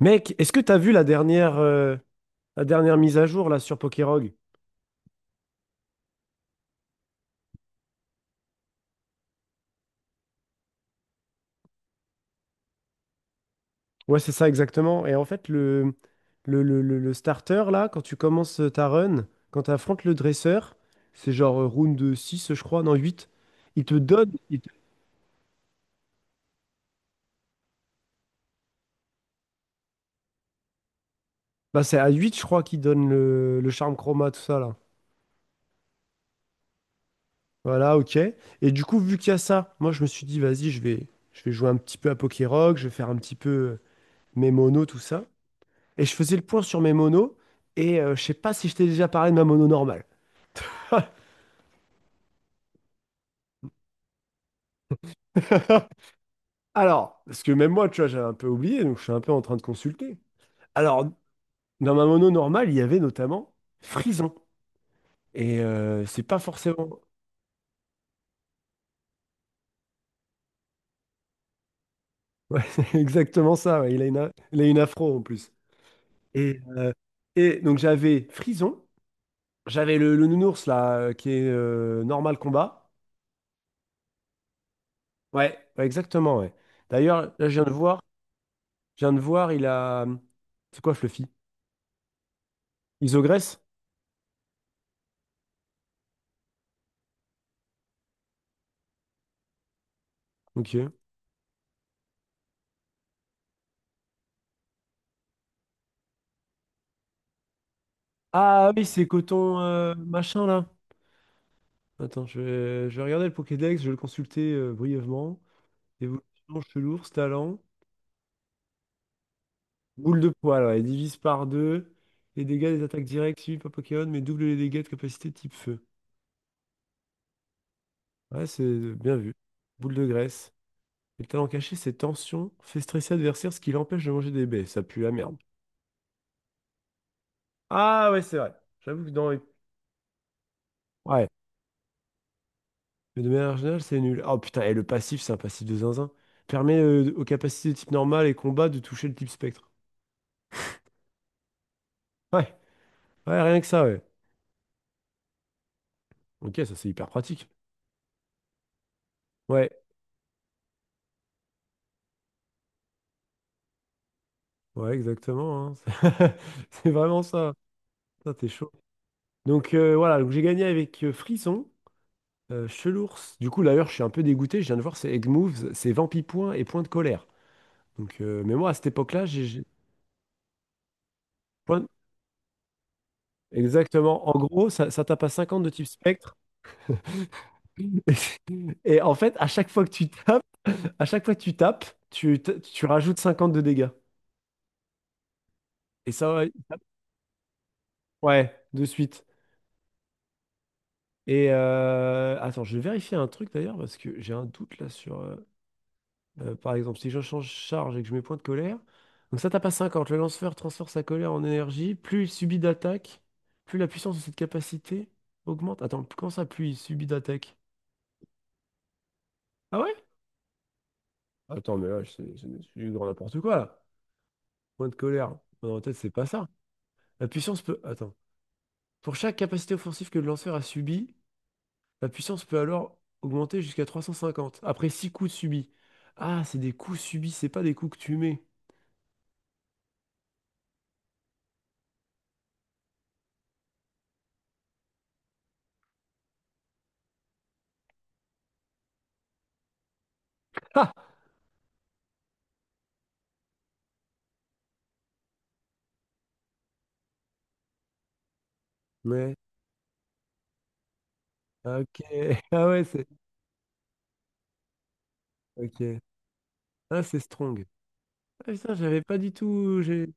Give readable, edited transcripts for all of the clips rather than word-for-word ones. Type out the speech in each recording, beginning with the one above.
Mec, est-ce que t'as vu la dernière mise à jour là sur Pokérog? Ouais, c'est ça exactement. Et en fait, le starter là, quand tu commences ta run, quand tu affrontes le dresseur, c'est genre round 6, je crois, non 8. Il te donne. Il te- Bah, c'est à huit, je crois, qu'il donne le charme chroma, tout ça là. Voilà, ok. Et du coup, vu qu'il y a ça, moi je me suis dit, vas-y, je vais jouer un petit peu à Pokérog, je vais faire un petit peu mes monos, tout ça. Et je faisais le point sur mes monos, et je sais pas si je t'ai déjà parlé de ma mono normale. Alors, parce que même moi, tu vois, j'avais un peu oublié, donc je suis un peu en train de consulter. Alors, dans ma mono normale, il y avait notamment Frison. Et c'est pas forcément... Ouais, c'est exactement ça, ouais. Il a une, il a une afro en plus. Et, et donc j'avais Frison, j'avais le nounours là, qui est normal combat. Ouais, ouais, exactement, ouais. D'ailleurs, là, je viens de voir, il a... C'est quoi Fluffy? Isogresse? Ok. Ah oui, c'est coton machin là. Attends, je vais regarder le Pokédex, je vais le consulter brièvement. Évolution, chelours, talent. Boule de poil, ouais, divise par deux. Les dégâts des attaques directes suivies par Pokémon, mais double les dégâts de capacité type feu. Ouais, c'est bien vu. Boule de graisse. Et le talent caché, c'est tension, fait stresser l'adversaire, ce qui l'empêche de manger des baies. Ça pue la merde. Ah ouais, c'est vrai. J'avoue que dans les... Ouais. Mais de manière générale, c'est nul. Oh putain, et le passif, c'est un passif de zinzin. Permet aux capacités de type normal et combat de toucher le type spectre. Ouais, ouais, rien que ça, ouais. Ok, ça c'est hyper pratique. Ouais, ouais, exactement, hein. C'est vraiment ça. Ça, t'es chaud. Donc voilà, donc j'ai gagné avec Frisson, Chelours. Du coup, d'ailleurs, je suis un peu dégoûté. Je viens de voir, c'est Egg Moves, c'est Vampi Point et Point de Colère. Donc, mais moi, à cette époque-là, point- Exactement. En gros, ça tape à 50 de type spectre. Et en fait, à chaque fois que tu tapes, tu rajoutes 50 de dégâts. Et ça, ouais, ouais, de suite. Et attends, je vais vérifier un truc d'ailleurs parce que j'ai un doute là sur, par exemple, si je change charge et que je mets point de colère. Donc ça tape à 50. Le lanceur transfère sa colère en énergie. Plus il subit d'attaque, plus la puissance de cette capacité augmente. Attends, comment ça, plus il subit d'attaque? Ah ouais? Attends, mais là, c'est du grand n'importe quoi là. Point de colère. Dans ma tête, c'est pas ça. La puissance peut. Attends. Pour chaque capacité offensive que le lanceur a subie, la puissance peut alors augmenter jusqu'à 350, après 6 coups subis. Ah, c'est des coups subis, c'est pas des coups que tu mets. Ah! Ouais. Ah, ok. Ah ouais, c'est... Ok. Ah, c'est strong. Ah, putain, j'avais pas du tout...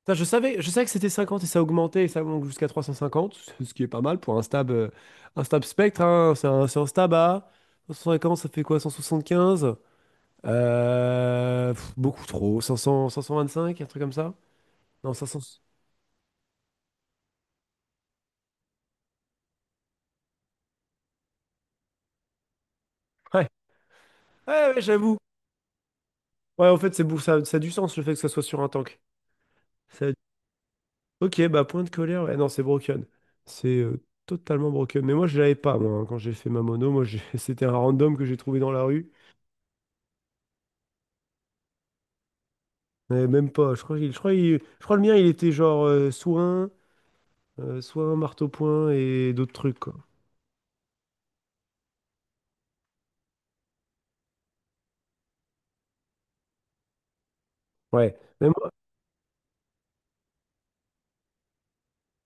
Putain, je savais que c'était 50 et ça augmentait et ça monte jusqu'à 350, ce qui est pas mal pour un stab spectre, hein. C'est un stab à 150, ça fait quoi, 175? Pff, beaucoup trop, 500, 525, un truc comme ça? Non, 500... Ouais, ouais, ouais, j'avoue. Ouais, en fait, ça, ça a du sens le fait que ça soit sur un tank. Ça a- Ok, bah point de colère, ouais, non, c'est broken. C'est totalement broken. Mais moi, je l'avais pas, moi, hein, quand j'ai fait ma mono. C'était un random que j'ai trouvé dans la rue. Mais même pas. Je crois, le mien, il était genre soin, marteau-point et d'autres trucs, quoi. Ouais. Mais moi,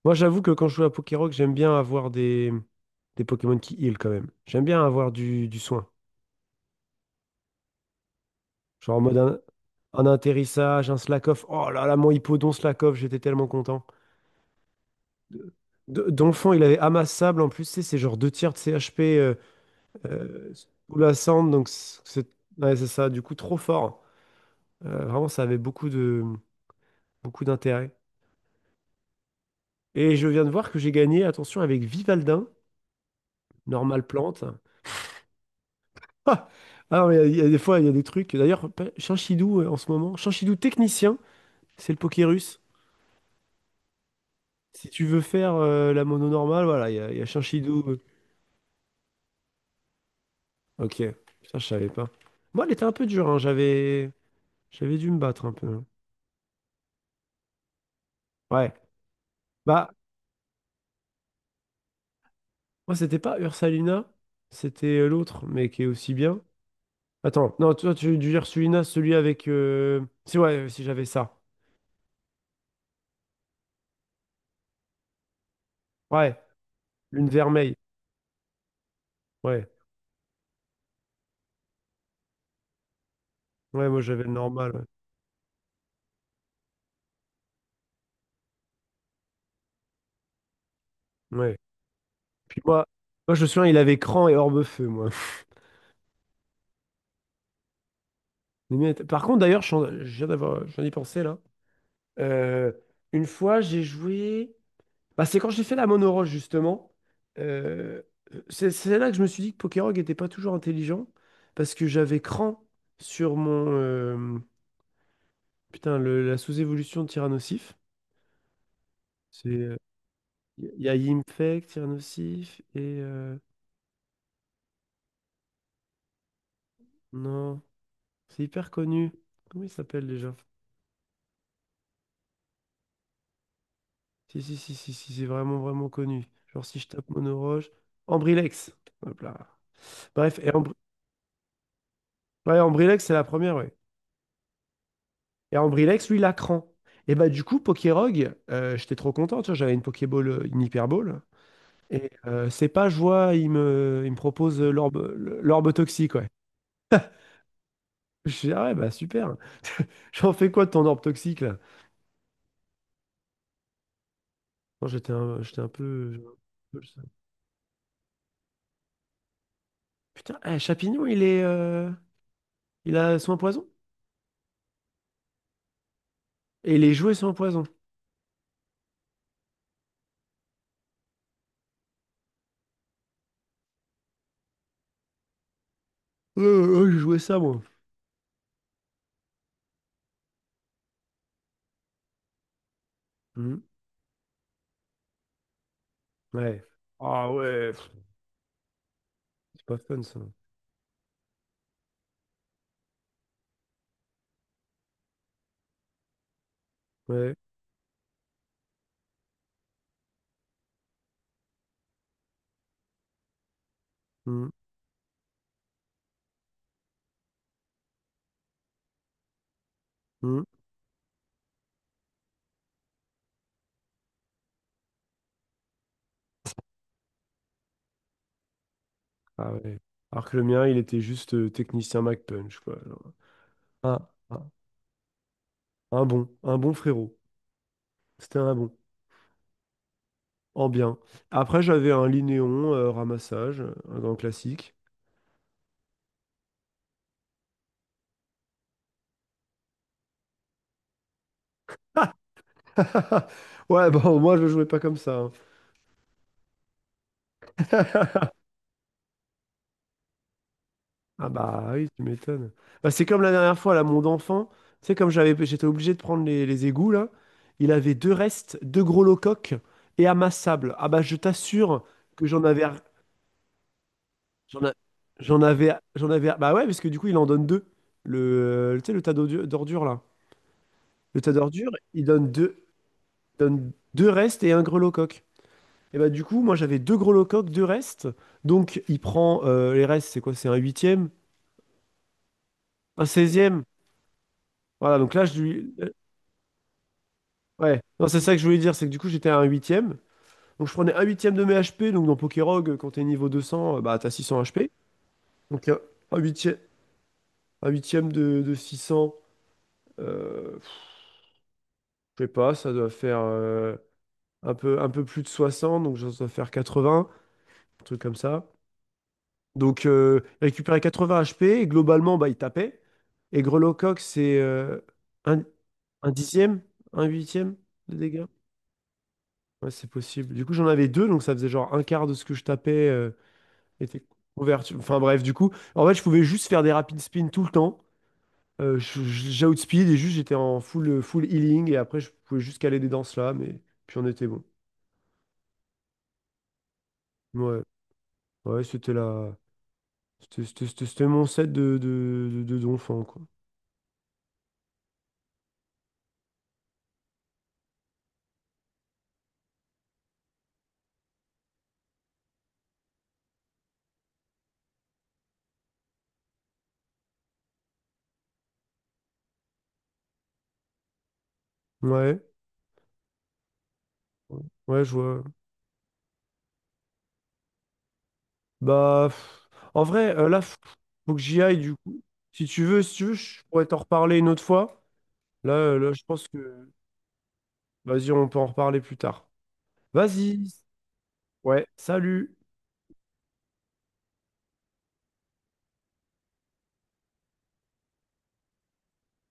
moi, j'avoue que quand je joue à Pokérock, j'aime bien avoir des Pokémon qui heal quand même. J'aime bien avoir du soin. Genre en mode un atterrissage, un Slakoff. Oh là là, mon Hippodon Slakoff, j'étais tellement content. de- Dans il avait amassable en plus, tu sais, c'est genre deux tiers de CHP sous la cendre, donc c'est ouais, c'est ça, du coup trop fort. Vraiment, ça avait beaucoup d'intérêt. Et je viens de voir que j'ai gagné, attention, avec Vivaldin, normal plante. Ah, alors, il y a des fois, il y a des trucs. D'ailleurs, Chinchidou en ce moment, Chinchidou technicien, c'est le Pokérus. Si tu veux faire la mono normale, voilà, il y a Chinchidou, euh. Ok, ça je savais pas. Moi, elle était un peu dure, hein, j'avais dû me battre un peu. Ouais. Bah, moi, c'était pas Ursalina, c'était l'autre, mais qui est aussi bien. Attends, non, toi, tu as dû dire Sulina, celui avec, si, ouais, si j'avais ça. Ouais, lune vermeille. Ouais, ouais, moi, j'avais le normal. Ouais. Ouais. Puis moi, je me souviens, il avait cran et orbe feu, moi. Les miens étaient- Par contre, d'ailleurs, je suis en- je viens d'avoir, j'en ai pensé là. Euh, une fois, j'ai joué. Bah, c'est quand j'ai fait la monoroche, justement. Euh, c'est là que je me suis dit que Pokerog n'était pas toujours intelligent, parce que j'avais cran sur mon... putain, la sous-évolution de Tyrannosif. C'est... il y a Yimfek, Tyrannosif, et... non, c'est hyper connu. Comment il s'appelle déjà? Si, c'est vraiment connu. Genre, si je tape monoroche... Ambrilex. Hop là. Bref, et ouais, Ambrilex, c'est la première, ouais. Et Ambrilex, lui, la cran. Et bah du coup, Pokérog, j'étais trop content, tu vois, j'avais une Pokéball, une Hyperball. Et c'est pas je vois, il me propose l'orbe, l'orbe toxique, ouais. Je dis, ah ouais, bah super. J'en fais quoi de ton orbe toxique, là? Non, j'étais un peu... Putain, eh, Chapignon, il est... il a soin poison? Et les jouets soin poison. Euh, j'ai joué ça, moi. Mhm. Ouais. Ah ouais, pff, c'est pas fun, ça. Ouais. Mhm. Mhm. Ah ouais. Alors que le mien, il était juste technicien MacPunch, quoi. Alors, un, un- un bon frérot. C'était un bon, en bien. Après, j'avais un Linéon ramassage, un grand classique. Ouais, bon, moi, je jouais pas comme ça, hein. Ah bah oui, tu m'étonnes. Bah, c'est comme la dernière fois, là, mon enfant, tu sais, comme j'étais obligé de prendre les égouts, là, il avait deux restes, deux gros locoques et amassables. Ah bah je t'assure que j'en avais J'en a- j'en avais, bah ouais, parce que du coup, il en donne deux. Le, tu sais, le d'ordures, là. Le tas d'ordures, donne deux restes et un grelot coq. Et bah, du coup, moi, j'avais deux grelots coq, deux restes. Donc, il prend les restes, c'est quoi? C'est un huitième? Un seizième? Voilà, donc là, je lui. Ouais, non, c'est ça que je voulais dire, c'est que du coup, j'étais à un huitième. Donc, je prenais un huitième de mes HP. Donc, dans pokérog quand t'es niveau 200, bah, t'as 600 HP. Donc, un huitième, un huitième de 600. Je sais pas, ça doit faire un peu plus de 60 donc ça doit faire 80, un truc comme ça. Donc il récupérait 80 HP et globalement, bah, il tapait. Et Grelot-Coq, c'est un, un dixième, un huitième de dégâts. Ouais, c'est possible. Du coup, j'en avais deux, donc ça faisait genre un quart de ce que je tapais était couverture. Enfin bref, du coup, en fait, je pouvais juste faire des rapid spins tout le temps. J'outspeed et juste j'étais en full, full healing et après, je pouvais juste caler des danses là, mais puis on était bon. Ouais. Ouais, c'était la... c'était mon set de, d'enfant, quoi. Ouais, ouais, je vois. Bah, pff, en vrai, là, faut que j'y aille, du coup. Si tu veux, je pourrais t'en reparler une autre fois. Là, là, je pense que... Vas-y, on peut en reparler plus tard. Vas-y. Ouais, salut.